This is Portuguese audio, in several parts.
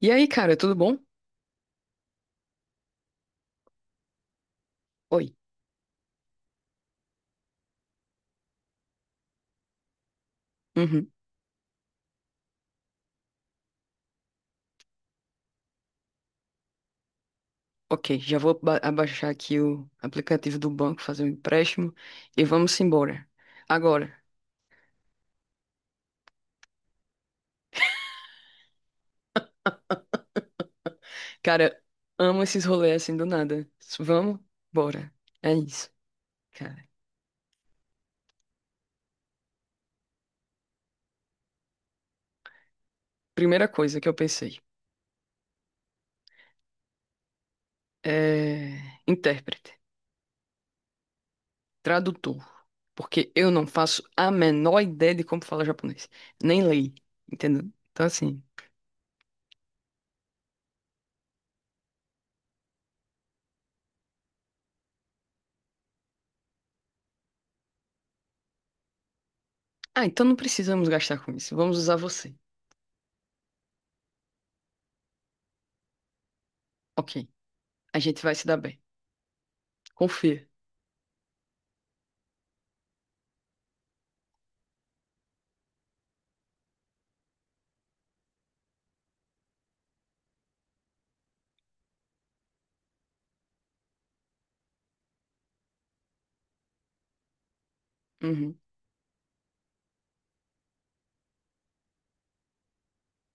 E aí, cara, tudo bom? Oi. Uhum. Ok, já vou abaixar aqui o aplicativo do banco, fazer um empréstimo e vamos embora. Agora. Cara, amo esses rolês assim do nada. Vamos? Bora. É isso, cara. Primeira coisa que eu pensei é intérprete, tradutor, porque eu não faço a menor ideia de como falar japonês, nem leio, entendeu? Então assim, ah, então não precisamos gastar com isso. Vamos usar você. Ok, a gente vai se dar bem. Confia. Uhum.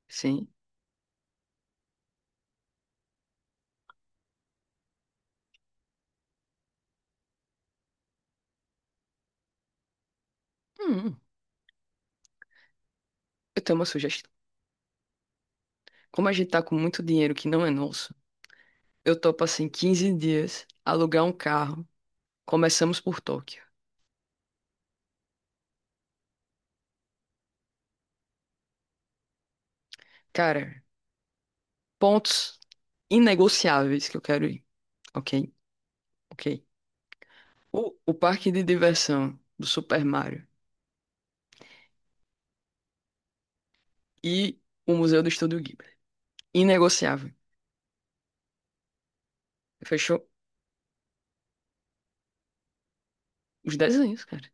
Sim. Hum, eu tenho uma sugestão. Como a gente tá com muito dinheiro que não é nosso, eu topo assim 15 dias alugar um carro. Começamos por Tóquio. Cara, pontos inegociáveis que eu quero ir. Ok? Ok. O parque de diversão do Super Mario e o Museu do Estúdio Ghibli. Inegociável. Fechou os desenhos, cara.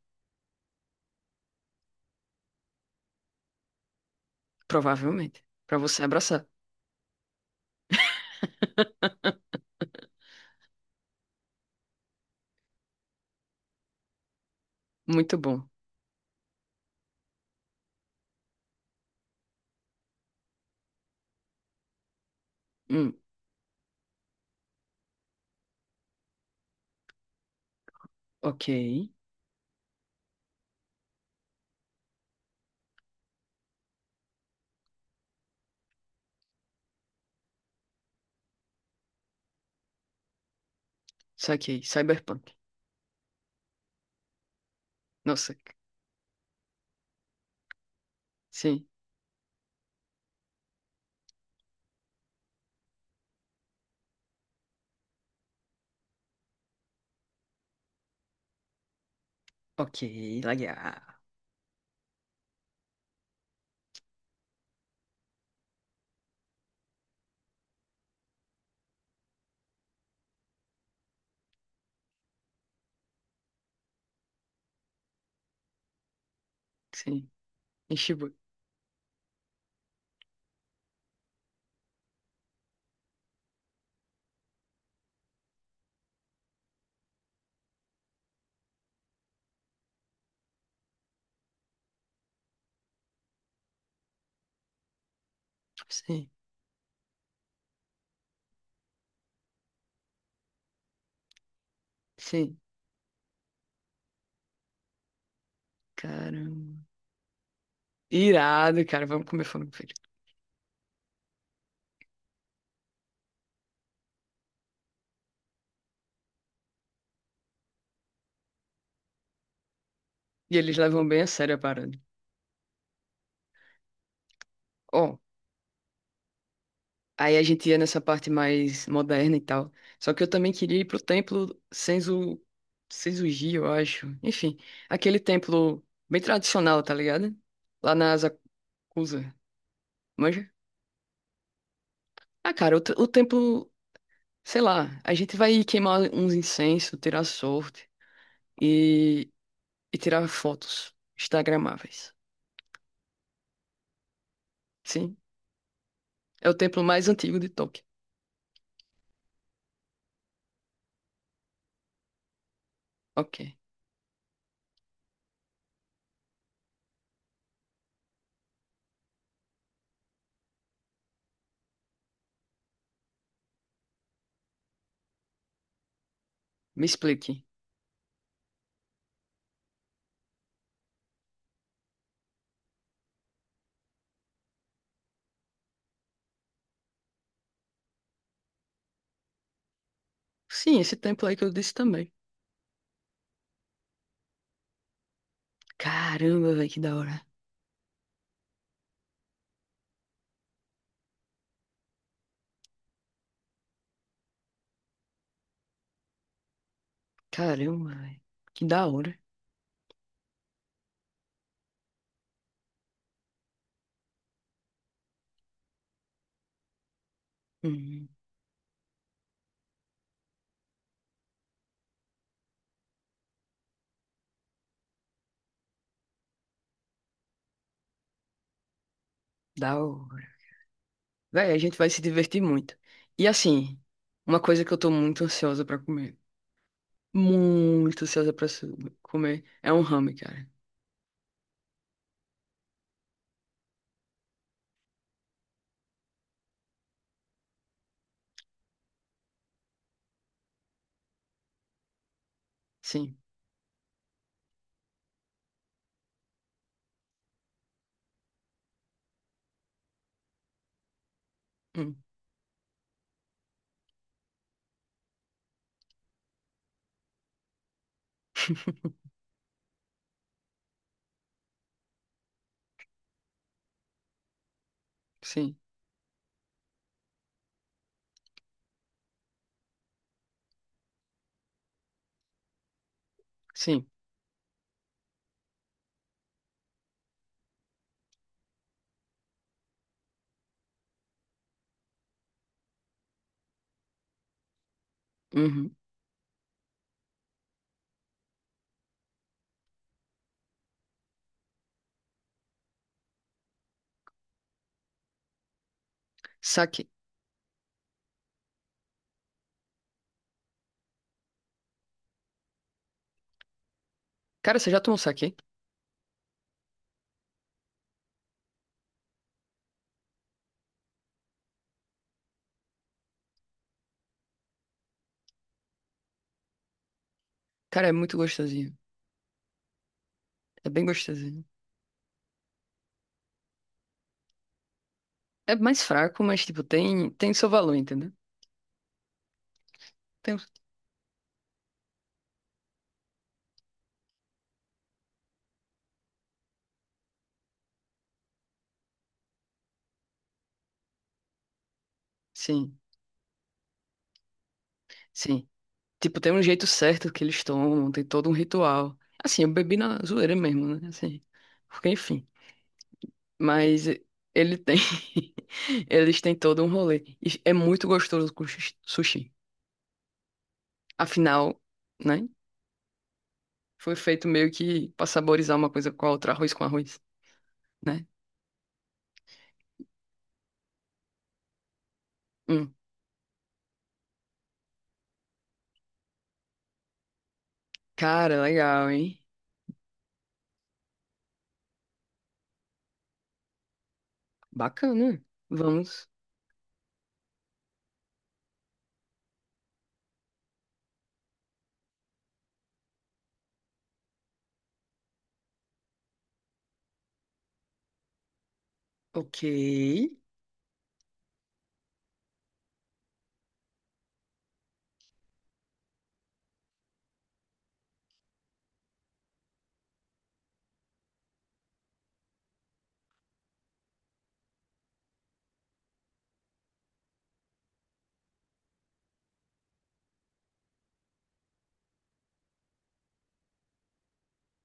Provavelmente. Pra você abraçar. Muito bom. Hum, ok. Saquei. Cyberpunk. Nossa. Sim. Ok, legal. Sim. Enchibu. Sim. Sim. Caramba. Irado, cara. Vamos comer frango frito. E eles levam bem a sério a parada. Ó, aí a gente ia nessa parte mais moderna e tal. Só que eu também queria ir pro templo Senzu... Senzu-ji, eu acho. Enfim, aquele templo bem tradicional, tá ligado? Lá na Asakusa. Manja? Ah, cara, o templo... Sei lá, a gente vai queimar uns incensos, tirar sorte e e tirar fotos instagramáveis. Sim, é o templo mais antigo de Tóquio. Ok, me explique. Sim, esse templo aí que eu disse também. Caramba, velho, que da hora. Caramba, velho, que da hora. Hum, da hora. Velho, a gente vai se divertir muito. E assim, uma coisa que eu tô muito ansiosa pra comer. Muito ansiosa pra comer. É um ramen, cara. Sim, hum, sim, sim. Uhum. Saque. Cara, você já tomou saque? Cara, é muito gostosinho. É bem gostosinho. É mais fraco, mas, tipo, tem seu valor, entendeu? Tem, um, sim, sim. Tipo, tem um jeito certo que eles tomam, tem todo um ritual. Assim, eu bebi na zoeira mesmo, né? Assim, porque, enfim. Mas ele tem... Eles têm todo um rolê. E é muito gostoso com sushi. Afinal, né? Foi feito meio que pra saborizar uma coisa com a outra, arroz com arroz, né? Hum. Cara, legal, hein? Bacana. Vamos. Ok.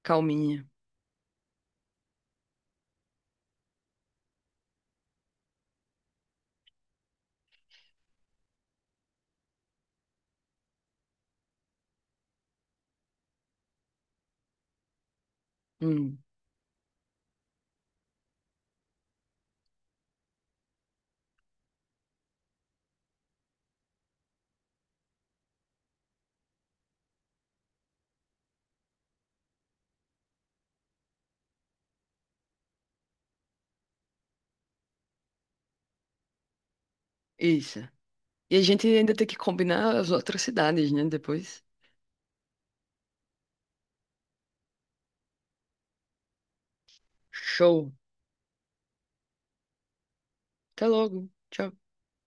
Calminha. Hum. Isso. E a gente ainda tem que combinar as outras cidades, né? Depois. Show. Até logo. Tchau.